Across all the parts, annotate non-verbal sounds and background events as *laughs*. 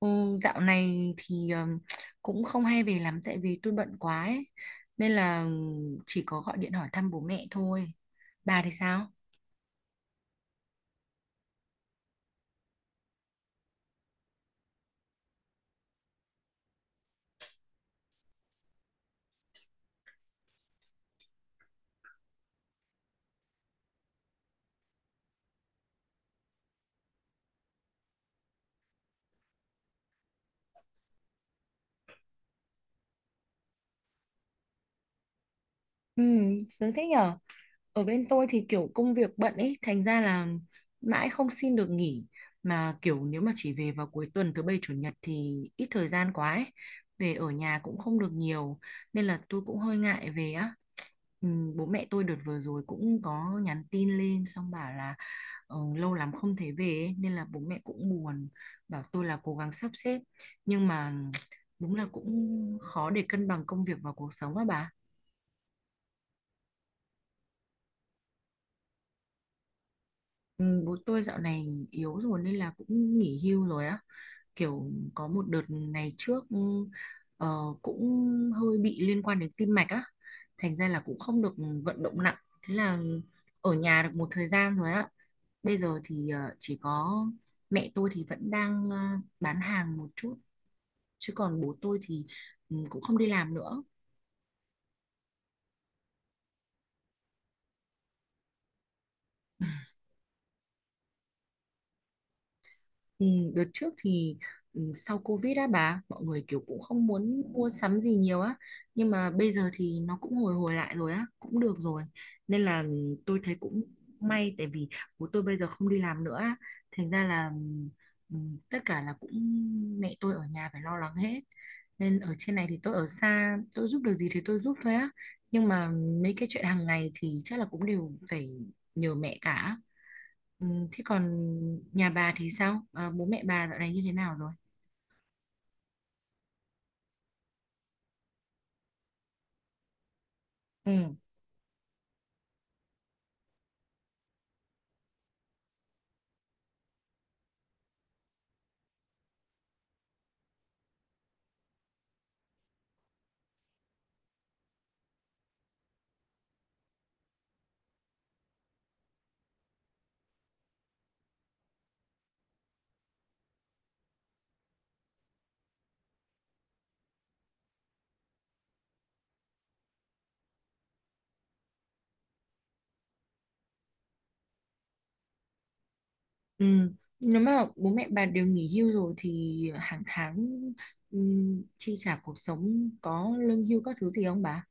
Ừ, dạo này thì cũng không hay về lắm tại vì tôi bận quá ấy. Nên là chỉ có gọi điện hỏi thăm bố mẹ thôi. Bà thì sao? Ừ, sướng thế nhở. Ở bên tôi thì kiểu công việc bận ấy, thành ra là mãi không xin được nghỉ. Mà kiểu nếu mà chỉ về vào cuối tuần thứ bảy chủ nhật thì ít thời gian quá ấy. Về ở nhà cũng không được nhiều. Nên là tôi cũng hơi ngại về á. Ừ, bố mẹ tôi đợt vừa rồi cũng có nhắn tin lên xong bảo là lâu lắm không thấy về ấy, nên là bố mẹ cũng buồn, bảo tôi là cố gắng sắp xếp, nhưng mà đúng là cũng khó để cân bằng công việc và cuộc sống á bà. Ừ, bố tôi dạo này yếu rồi nên là cũng nghỉ hưu rồi á. Kiểu có một đợt ngày trước ờ, cũng hơi bị liên quan đến tim mạch á. Thành ra là cũng không được vận động nặng. Thế là ở nhà được một thời gian rồi á. Bây giờ thì chỉ có mẹ tôi thì vẫn đang bán hàng một chút. Chứ còn bố tôi thì ừ, cũng không đi làm nữa. Ừ, đợt trước thì ừ, sau Covid á bà, mọi người kiểu cũng không muốn mua sắm gì nhiều á, nhưng mà bây giờ thì nó cũng hồi hồi lại rồi á, cũng được rồi, nên là ừ, tôi thấy cũng may tại vì bố tôi bây giờ không đi làm nữa á, thành ra là ừ, tất cả là cũng mẹ tôi ở nhà phải lo lắng hết, nên ở trên này thì tôi ở xa, tôi giúp được gì thì tôi giúp thôi á, nhưng mà mấy cái chuyện hàng ngày thì chắc là cũng đều phải nhờ mẹ cả. Ừ, thế còn nhà bà thì sao? Ờ, bố mẹ bà dạo này như thế nào rồi? Ừ. Ừ, nếu mà bố mẹ bà đều nghỉ hưu rồi thì hàng tháng ừ, chi trả cuộc sống có lương hưu các thứ gì không bà?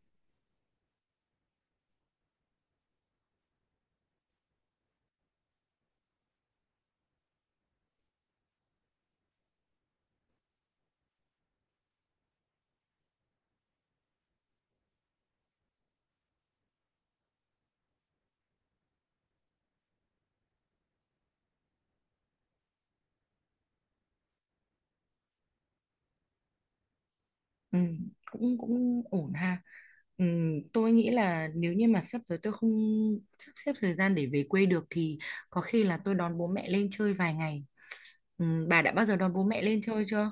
Ừ, cũng cũng ổn ha. Ừ, tôi nghĩ là nếu như mà sắp tới tôi không sắp xếp thời gian để về quê được thì có khi là tôi đón bố mẹ lên chơi vài ngày. Ừ, bà đã bao giờ đón bố mẹ lên chơi chưa?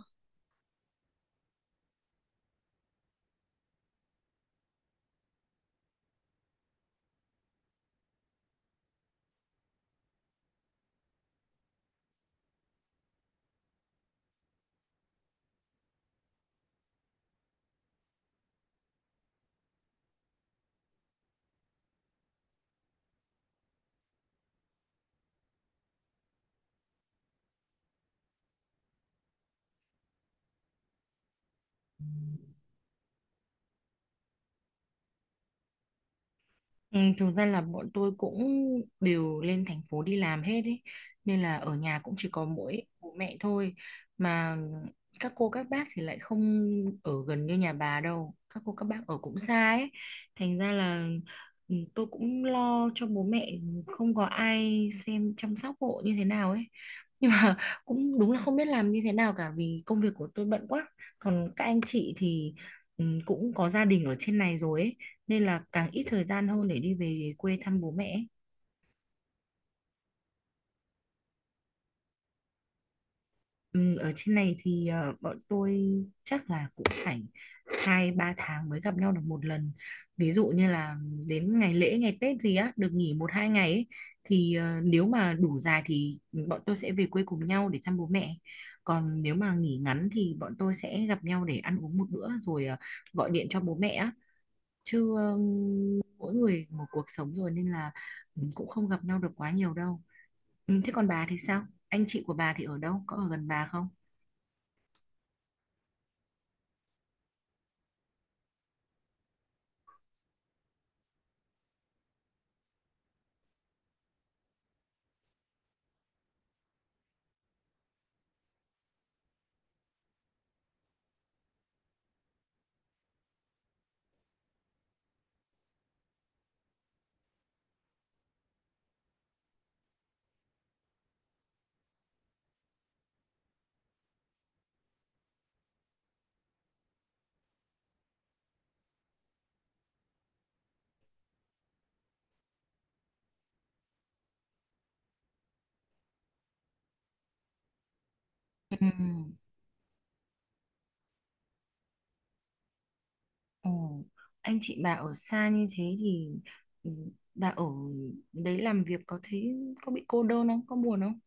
Ừ, thực ra là bọn tôi cũng đều lên thành phố đi làm hết ấy, nên là ở nhà cũng chỉ có mỗi bố mẹ thôi, mà các cô các bác thì lại không ở gần như nhà bà đâu, các cô các bác ở cũng xa ấy, thành ra là ừ, tôi cũng lo cho bố mẹ không có ai xem chăm sóc hộ như thế nào ấy *laughs* nhưng mà cũng đúng là không biết làm như thế nào cả vì công việc của tôi bận quá, còn các anh chị thì ừ, cũng có gia đình ở trên này rồi ấy, nên là càng ít thời gian hơn để đi về quê thăm bố mẹ ấy. Ừ, ở trên này thì bọn tôi chắc là cũng phải hai ba tháng mới gặp nhau được một lần. Ví dụ như là đến ngày lễ, ngày Tết gì á, được nghỉ một hai ngày ấy, thì nếu mà đủ dài thì bọn tôi sẽ về quê cùng nhau để thăm bố mẹ. Còn nếu mà nghỉ ngắn thì bọn tôi sẽ gặp nhau để ăn uống một bữa rồi gọi điện cho bố mẹ á. Chứ Mỗi người một cuộc sống rồi nên là ừ, cũng không gặp nhau được quá nhiều đâu. Ừ, thế còn bà thì sao, anh chị của bà thì ở đâu, có ở gần bà không? Ừ. Ừ. Anh chị bà ở xa như thế thì ừ, bà ở đấy làm việc có thấy có bị cô đơn không? Có buồn không?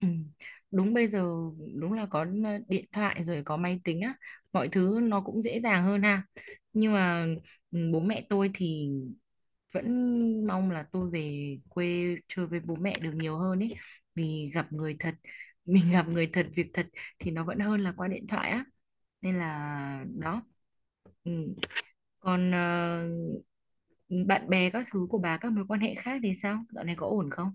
Ừ. Đúng bây giờ đúng là có điện thoại rồi, có máy tính á, mọi thứ nó cũng dễ dàng hơn ha. Nhưng mà ừ, bố mẹ tôi thì vẫn mong là tôi về quê chơi với bố mẹ được nhiều hơn ấy, vì gặp người thật *laughs* mình gặp người thật việc thật thì nó vẫn hơn là qua điện thoại á, nên là đó ừ. Còn bạn bè các thứ của bà, các mối quan hệ khác thì sao, dạo này có ổn không?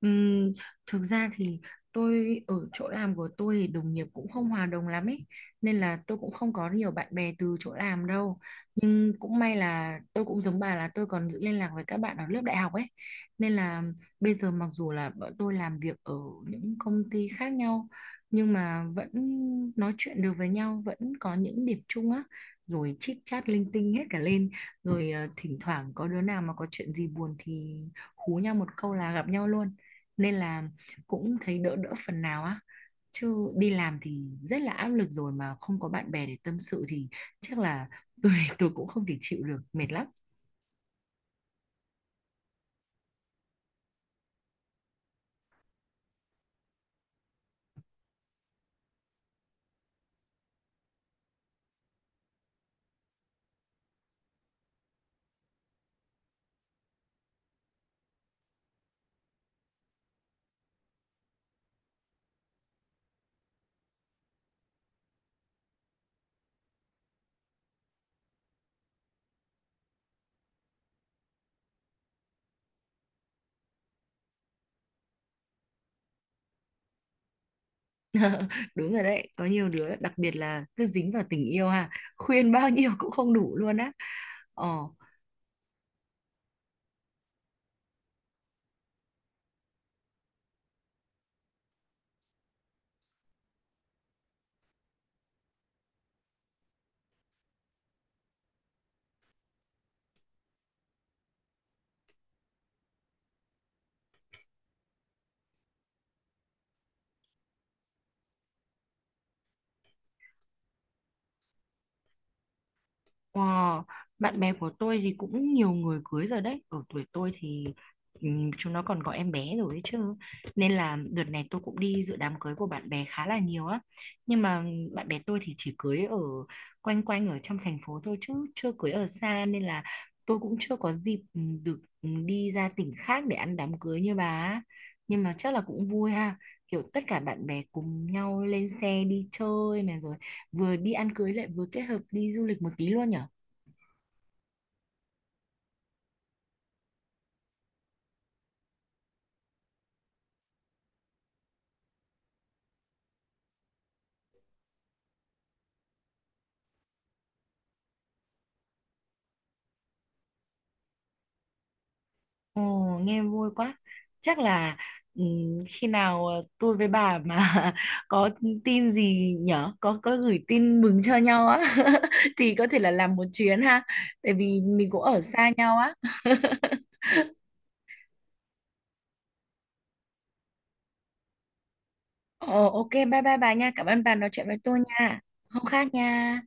Ừm, Thực ra thì tôi ở chỗ làm của tôi thì đồng nghiệp cũng không hòa đồng lắm ấy, nên là tôi cũng không có nhiều bạn bè từ chỗ làm đâu, nhưng cũng may là tôi cũng giống bà là tôi còn giữ liên lạc với các bạn ở lớp đại học ấy, nên là bây giờ mặc dù là bọn tôi làm việc ở những công ty khác nhau, nhưng mà vẫn nói chuyện được với nhau, vẫn có những điểm chung á, rồi chit chat linh tinh hết cả lên, rồi thỉnh thoảng có đứa nào mà có chuyện gì buồn thì hú nhau một câu là gặp nhau luôn, nên là cũng thấy đỡ đỡ phần nào á, chứ đi làm thì rất là áp lực rồi mà không có bạn bè để tâm sự thì chắc là *laughs* tôi tôi cũng không thể chịu được, mệt lắm. *laughs* Đúng rồi đấy, có nhiều đứa đặc biệt là cứ dính vào tình yêu ha, khuyên bao nhiêu cũng không đủ luôn á. Ờ. Wow, bạn bè của tôi thì cũng nhiều người cưới rồi đấy. Ở tuổi tôi thì chúng nó còn có em bé rồi ấy chứ. Nên là đợt này tôi cũng đi dự đám cưới của bạn bè khá là nhiều á. Nhưng mà bạn bè tôi thì chỉ cưới ở quanh quanh ở trong thành phố thôi chứ chưa cưới ở xa, nên là tôi cũng chưa có dịp được đi ra tỉnh khác để ăn đám cưới như bà á. Nhưng mà chắc là cũng vui ha. Kiểu tất cả bạn bè cùng nhau lên xe đi chơi này, rồi vừa đi ăn cưới lại vừa kết hợp đi du lịch một tí luôn nhỉ? Ồ, nghe vui quá. Chắc là ừm, khi nào tôi với bà mà *laughs* có tin gì nhở, có gửi tin mừng cho nhau á *laughs* thì có thể là làm một chuyến ha, tại vì mình cũng ở xa nhau á. Ồ, ok, bye bye bà nha. Cảm ơn bà nói chuyện với tôi nha. Hôm khác nha.